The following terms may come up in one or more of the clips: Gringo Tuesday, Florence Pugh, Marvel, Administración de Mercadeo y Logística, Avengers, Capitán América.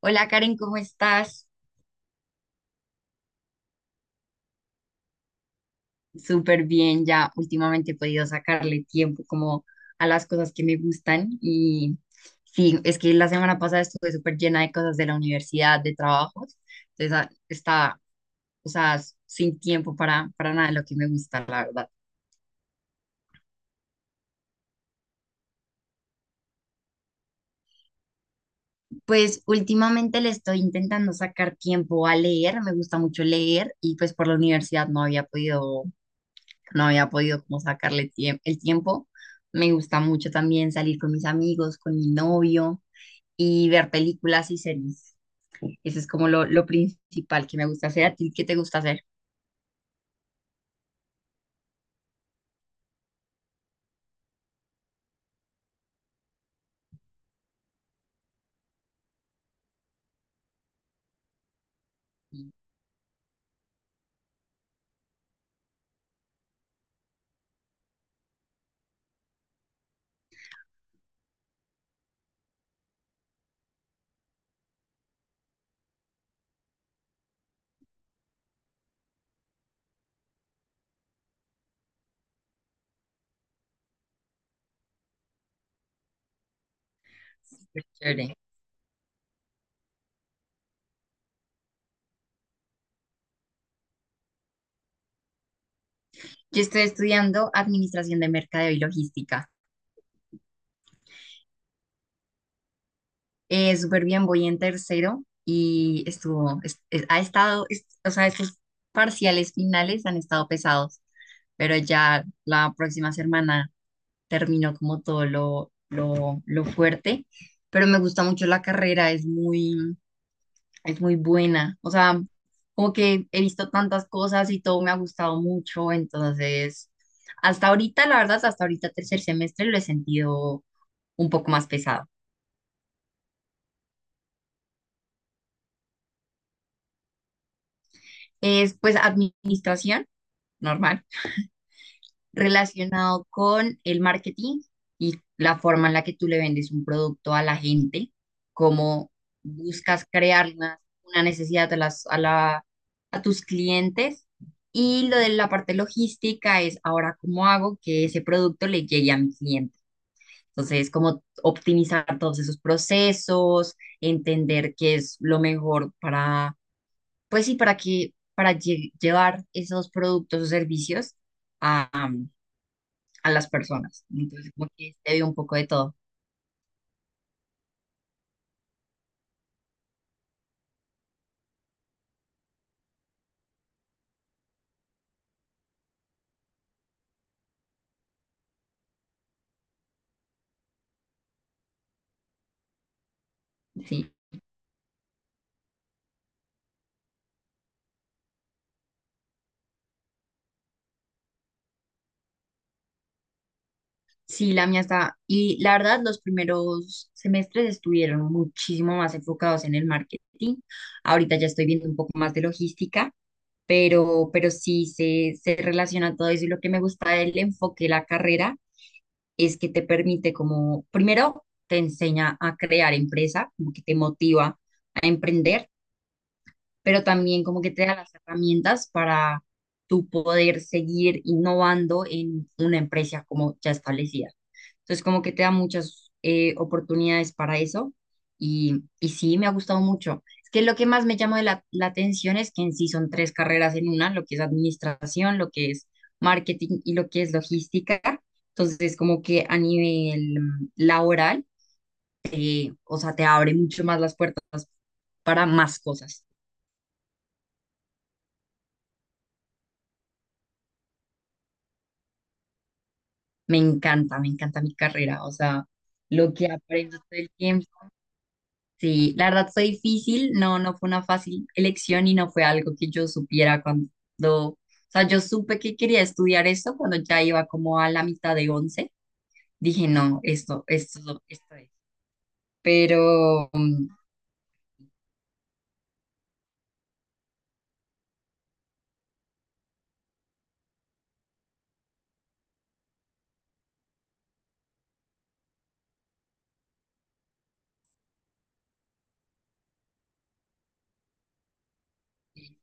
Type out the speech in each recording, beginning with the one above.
Hola Karen, ¿cómo estás? Súper bien, ya últimamente he podido sacarle tiempo como a las cosas que me gustan y sí, es que la semana pasada estuve súper llena de cosas de la universidad, de trabajos, entonces estaba, o sea, sin tiempo para nada de lo que me gusta, la verdad. Pues últimamente le estoy intentando sacar tiempo a leer, me gusta mucho leer y pues por la universidad no había podido como sacarle el tiempo. Me gusta mucho también salir con mis amigos, con mi novio y ver películas y series. Eso es como lo principal que me gusta hacer. ¿A ti qué te gusta hacer? Súper chévere. Yo estoy estudiando Administración de Mercadeo y Logística. Súper bien, voy en tercero y estuvo, ha estado, o sea, estos parciales finales han estado pesados, pero ya la próxima semana terminó como todo lo fuerte, pero me gusta mucho la carrera, es muy buena, o sea, como que he visto tantas cosas y todo me ha gustado mucho, entonces, hasta ahorita, la verdad, hasta ahorita tercer semestre lo he sentido un poco más pesado. Es pues administración, normal relacionado con el marketing y la forma en la que tú le vendes un producto a la gente, cómo buscas crear una necesidad a, las, a, la, a tus clientes. Y lo de la parte logística es ahora cómo hago que ese producto le llegue a mi cliente. Entonces, como optimizar todos esos procesos, entender qué es lo mejor para, pues sí, para que, llevar esos productos o servicios a, a las personas. ¿No? Entonces, como que se vio un poco de todo. Sí, sí, la mía está. Y la verdad, los primeros semestres estuvieron muchísimo más enfocados en el marketing. Ahorita ya estoy viendo un poco más de logística, pero sí se relaciona todo eso. Y lo que me gusta del enfoque de la carrera es que te permite como, primero, te enseña a crear empresa, como que te motiva a emprender, pero también como que te da las herramientas para tú poder seguir innovando en una empresa como ya establecida. Entonces, como que te da muchas oportunidades para eso y sí, me ha gustado mucho. Es que lo que más me llama de la atención es que en sí son tres carreras en una, lo que es administración, lo que es marketing y lo que es logística. Entonces, como que a nivel laboral, o sea, te abre mucho más las puertas para más cosas. Me encanta mi carrera, o sea, lo que aprendo todo el tiempo. Sí, la verdad fue difícil, no, no fue una fácil elección y no fue algo que yo supiera cuando, o sea, yo supe que quería estudiar esto cuando ya iba como a la mitad de once. Dije, no, esto es. Pero,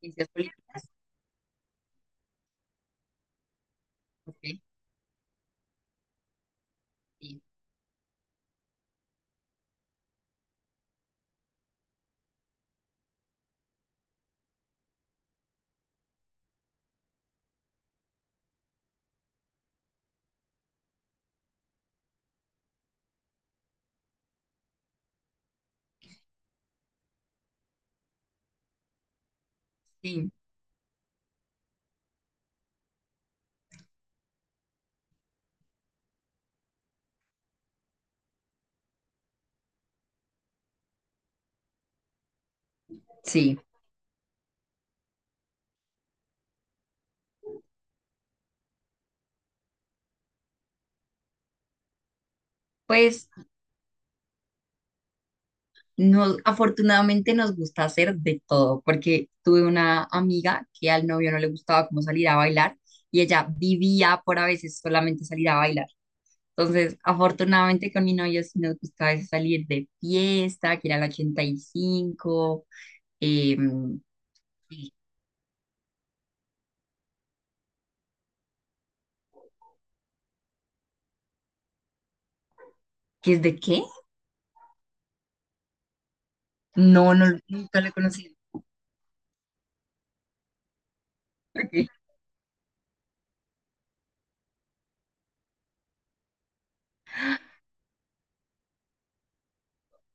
ciencias políticas, ok, sí, sí, sí. Pues afortunadamente nos gusta hacer de todo, porque tuve una amiga que al novio no le gustaba cómo salir a bailar y ella vivía por a veces solamente salir a bailar. Entonces, afortunadamente con mi novio sí nos gusta a veces salir de fiesta, que era el 85. eh, ¿Qué es de qué? No, no, nunca lo he conocido. Ok,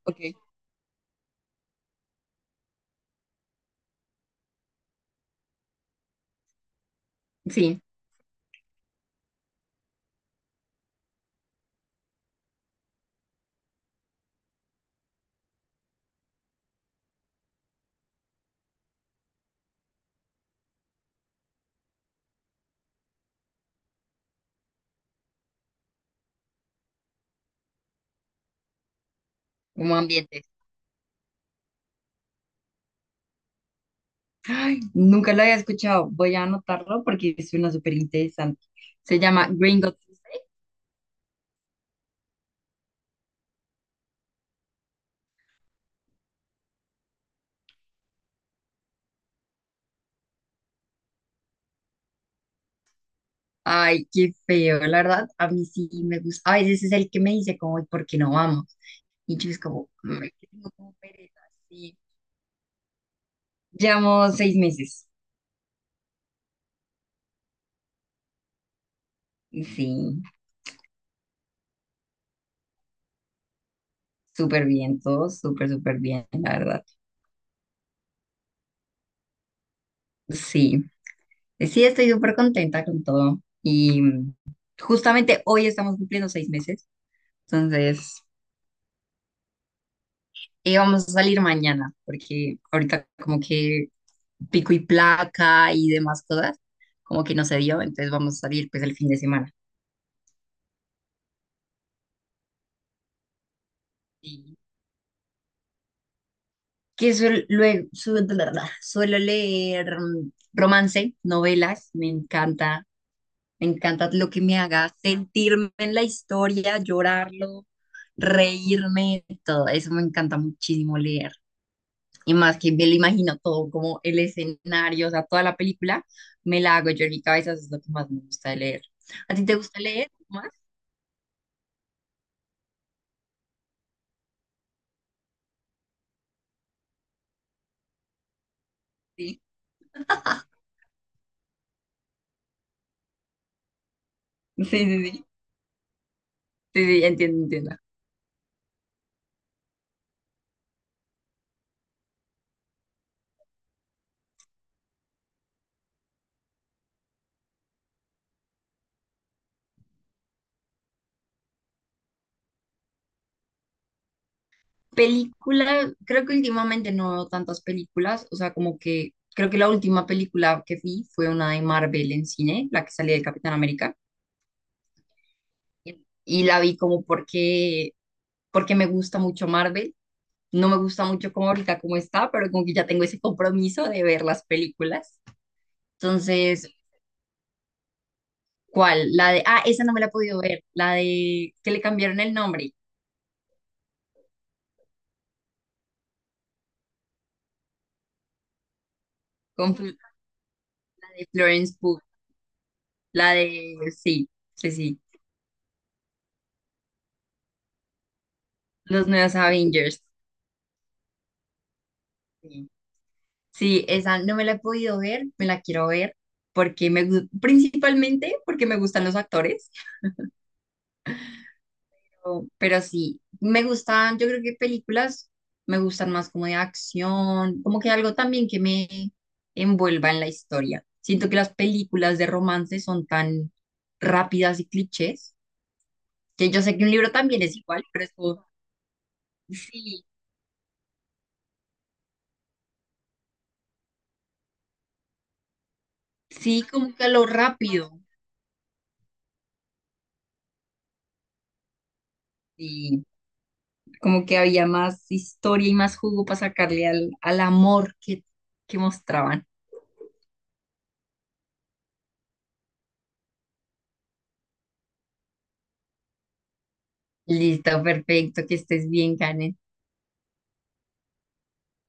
ok. Sí, como ambiente. Ay, nunca lo había escuchado. Voy a anotarlo porque es una súper interesante. Se llama Gringo Tuesday. Ay, qué feo, la verdad. A mí sí me gusta. A veces es el que me dice como, "Ay, ¿por qué no vamos?" Y yo es como, "Mm, es que tengo como pereza." Sí. Llevamos 6 meses. Sí, súper bien todo, súper, súper bien, la verdad. Sí, sí, estoy súper contenta con todo. Y justamente hoy estamos cumpliendo 6 meses. Entonces, vamos a salir mañana, porque ahorita como que pico y placa y demás cosas, como que no se dio, entonces vamos a salir pues el fin de semana. Y luego, suelo leer romance, novelas, me encanta lo que me haga sentirme en la historia, llorarlo, reírme, todo eso me encanta muchísimo leer. Y más que me lo imagino todo, como el escenario, o sea, toda la película, me la hago yo en mi cabeza, eso es lo que más me gusta de leer. ¿A ti te gusta leer más? Sí, sí, sí, sí, sí, sí, entiendo, entiendo. Película, creo que últimamente no veo tantas películas, o sea, como que creo que la última película que vi fue una de Marvel en cine, la que salía de Capitán América, y la vi como porque me gusta mucho Marvel, no me gusta mucho como ahorita como está, pero como que ya tengo ese compromiso de ver las películas. Entonces, ¿cuál? La de, esa no me la he podido ver, la de que le cambiaron el nombre, con Fl- la de Florence Pugh, la de, sí, sí, sí, los nuevos Avengers. Sí. Sí, esa no me la he podido ver, me la quiero ver porque principalmente porque me gustan los actores. Pero sí, me gustan, yo creo que películas me gustan más como de acción, como que algo también que me envuelva en la historia. Siento que las películas de romance son tan rápidas y clichés, que yo sé que un libro también es igual, pero es como, sí, sí, como que a lo rápido. Y como que había más historia y más jugo para sacarle al amor que mostraban. Listo, perfecto, que estés bien, Karen.